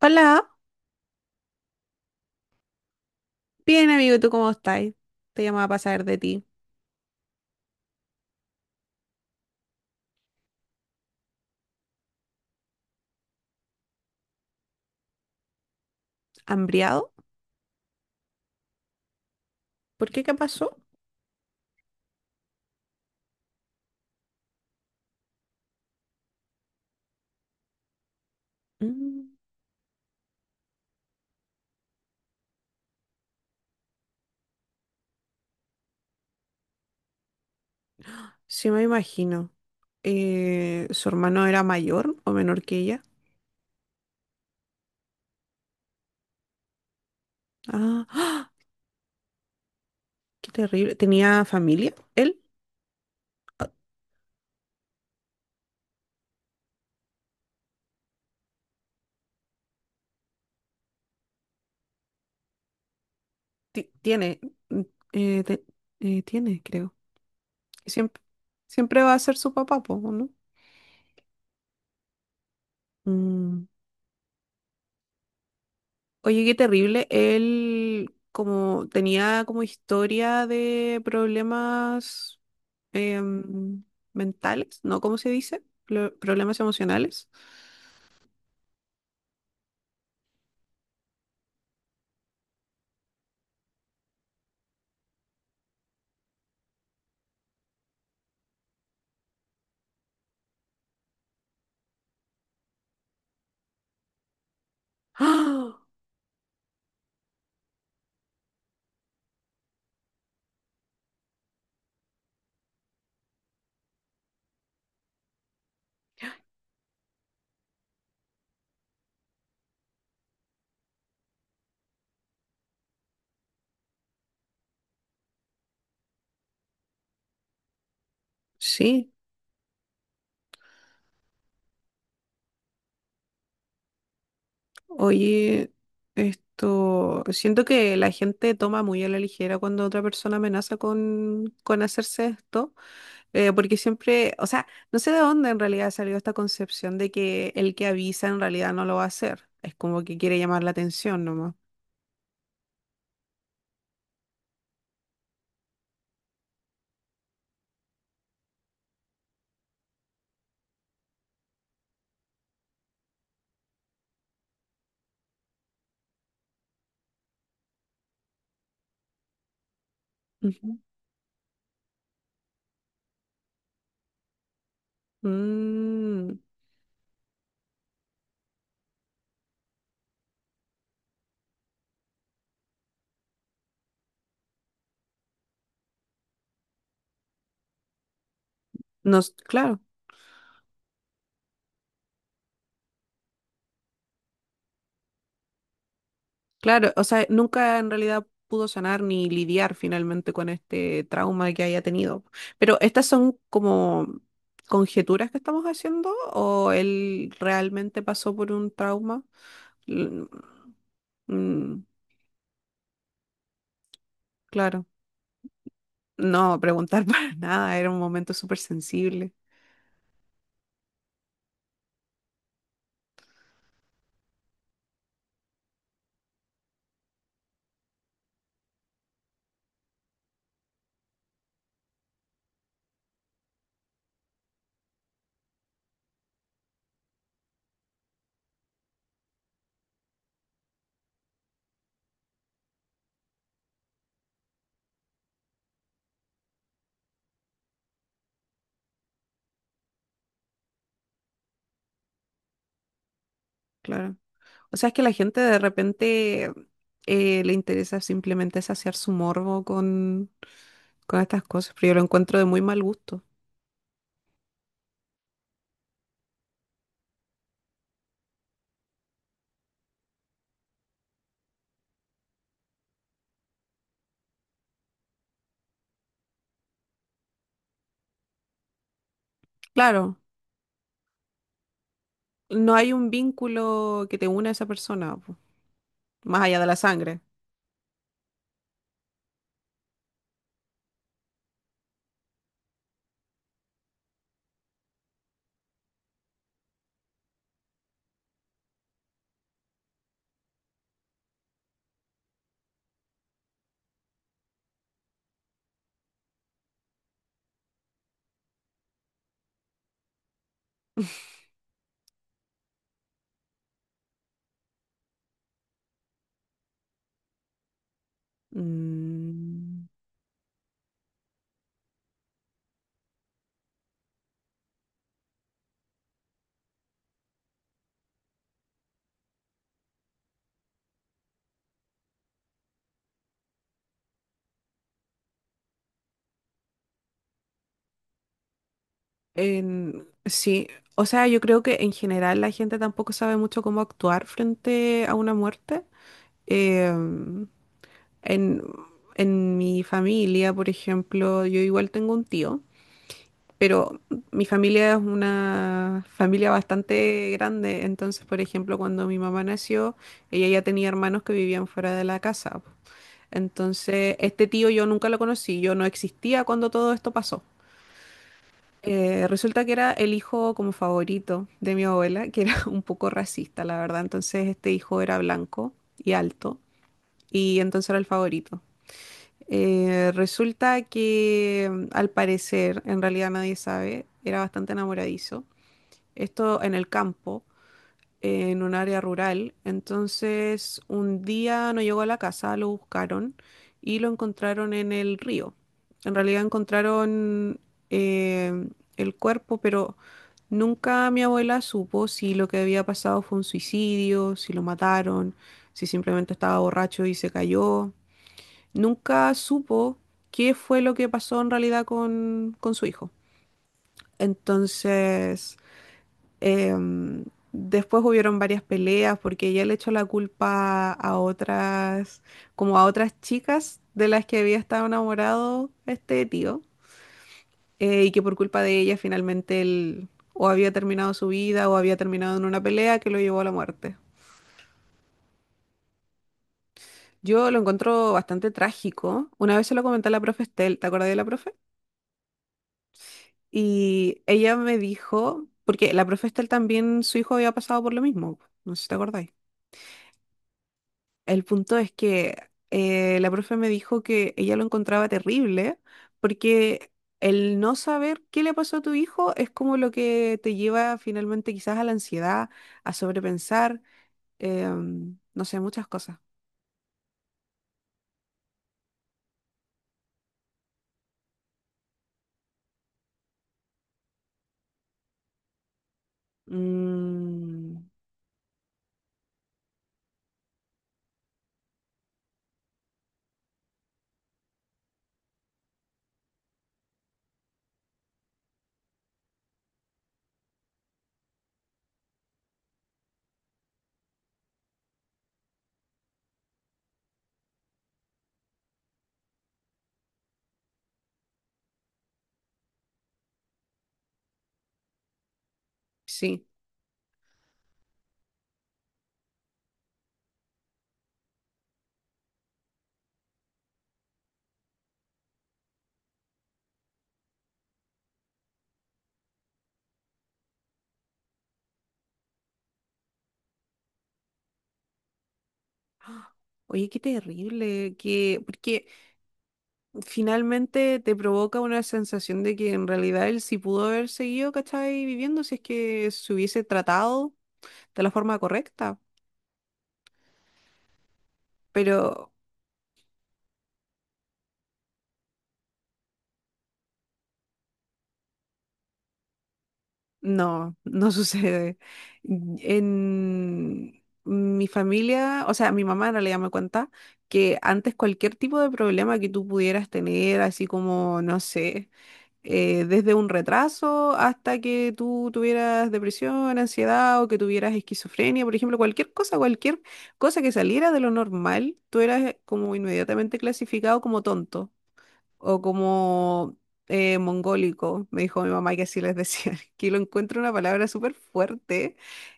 Hola, bien amigo, ¿tú cómo estás? Te llamaba para saber de ti. ¿Hambriado? ¿Por qué? ¿Qué pasó? Mm, sí, me imagino. ¿Su hermano era mayor o menor que ella? Ah, ¡ah! Qué terrible. ¿Tenía familia? Él tiene, mm, eh, te- tiene, creo. Siempre, siempre va a ser su papá, po, ¿no? Mm. Oye, qué terrible. Él como tenía como historia de problemas em, mentales, ¿no? ¿Cómo se dice? Problemas emocionales. ¡Ah! Sí, oye, esto, pues siento que la gente toma muy a la ligera cuando otra persona amenaza con hacerse esto, porque siempre, o sea, no sé de dónde en realidad salió esta concepción de que el que avisa en realidad no lo va a hacer, es como que quiere llamar la atención nomás. Ujú. Mm, no, claro. Claro, o sea, nunca en realidad pudo sanar ni lidiar finalmente con este trauma que haya tenido. Pero estas son como conjeturas que estamos haciendo o él realmente pasó por un trauma. L- mm, claro, no preguntar para nada, era un momento súper sensible, claro. O sea, es que la gente de repente le interesa simplemente saciar su morbo con estas cosas, pero yo lo encuentro de muy mal gusto. Claro. No hay un vínculo que te una a esa persona, po, más allá de la sangre. Mm, sí, o sea, yo creo que en general la gente tampoco sabe mucho cómo actuar frente a una muerte. Em, en, en mi familia, por ejemplo, yo igual tengo un tío, pero mi familia es una familia bastante grande, entonces, por ejemplo, cuando mi mamá nació, ella ya tenía hermanos que vivían fuera de la casa. Entonces, este tío yo nunca lo conocí, yo no existía cuando todo esto pasó. Resulta que era el hijo como favorito de mi abuela, que era un poco racista, la verdad. Entonces, este hijo era blanco y alto, y entonces era el favorito. Resulta que, mm, al parecer, en realidad nadie sabe, era bastante enamoradizo. Esto en el campo, en un área rural. Entonces, un día no llegó a la casa, lo buscaron y lo encontraron en el río. En realidad encontraron eh, el cuerpo, pero nunca mi abuela supo si lo que había pasado fue un suicidio, si lo mataron, si simplemente estaba borracho y se cayó. Nunca supo qué fue lo que pasó en realidad con su hijo. Entonces... Em, después hubieron varias peleas porque ella le echó la culpa a otras, como a otras chicas de las que había estado enamorado este tío, y que por culpa de ella finalmente él o había terminado su vida o había terminado en una pelea que lo llevó a la muerte. Yo lo encuentro bastante trágico. Una vez se lo comenté a la profe Estel, ¿te acordás de la profe? Y ella me dijo, porque la profe Estel también, su hijo había pasado por lo mismo, no sé si te acordáis. El punto es que la profe me dijo que ella lo encontraba terrible porque el no saber qué le pasó a tu hijo es como lo que te lleva finalmente quizás a la ansiedad, a sobrepensar, em, no sé, muchas cosas. Mm, sí. ¡Ah! Oye, qué terrible, que, porque finalmente te provoca una sensación de que en realidad él sí pudo haber seguido, ¿cachai? Viviendo si es que se hubiese tratado de la forma correcta. Pero no, no sucede. En mi familia, o sea, mi mamá en realidad me cuenta que antes cualquier tipo de problema que tú pudieras tener, así como, no sé, desde un retraso hasta que tú tuvieras depresión, ansiedad o que tuvieras esquizofrenia, por ejemplo, cualquier cosa que saliera de lo normal, tú eras como inmediatamente clasificado como tonto o como mongólico, me dijo mi mamá que así les decían, que lo encuentro una palabra súper fuerte.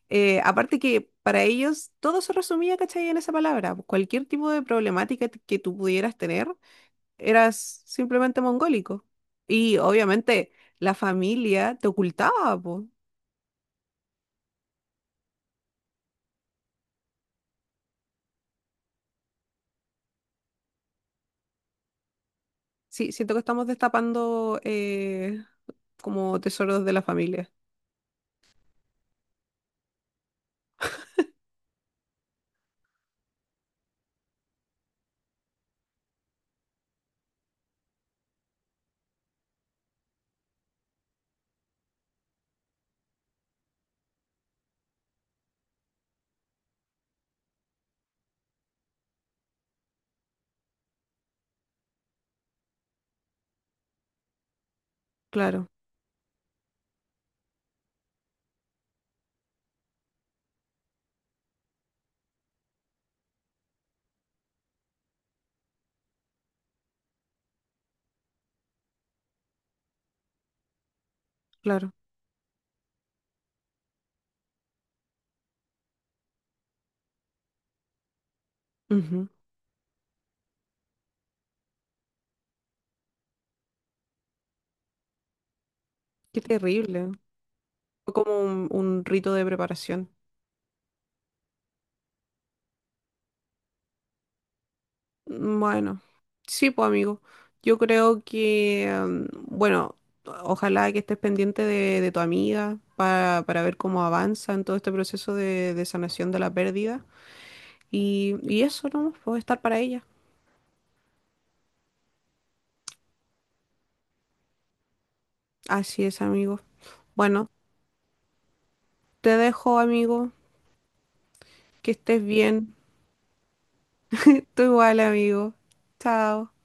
Aparte que para ellos todo se resumía, ¿cachai? En esa palabra, pues. Cualquier tipo de problemática que tú pudieras tener, eras simplemente mongólico. Y obviamente la familia te ocultaba, po. Sí, siento que estamos destapando como tesoros de la familia. Claro, claro. Ujú. Qué terrible. Fue como un rito de preparación. Mm, bueno, sí, pues amigo, yo creo que, mm, bueno, ojalá que estés pendiente de tu amiga para ver cómo avanza en todo este proceso de sanación de la pérdida. Y eso, ¿no? Puedo estar para ella. Así es, amigo. Bueno, te dejo, amigo, que estés bien. Tú igual, amigo. Chao.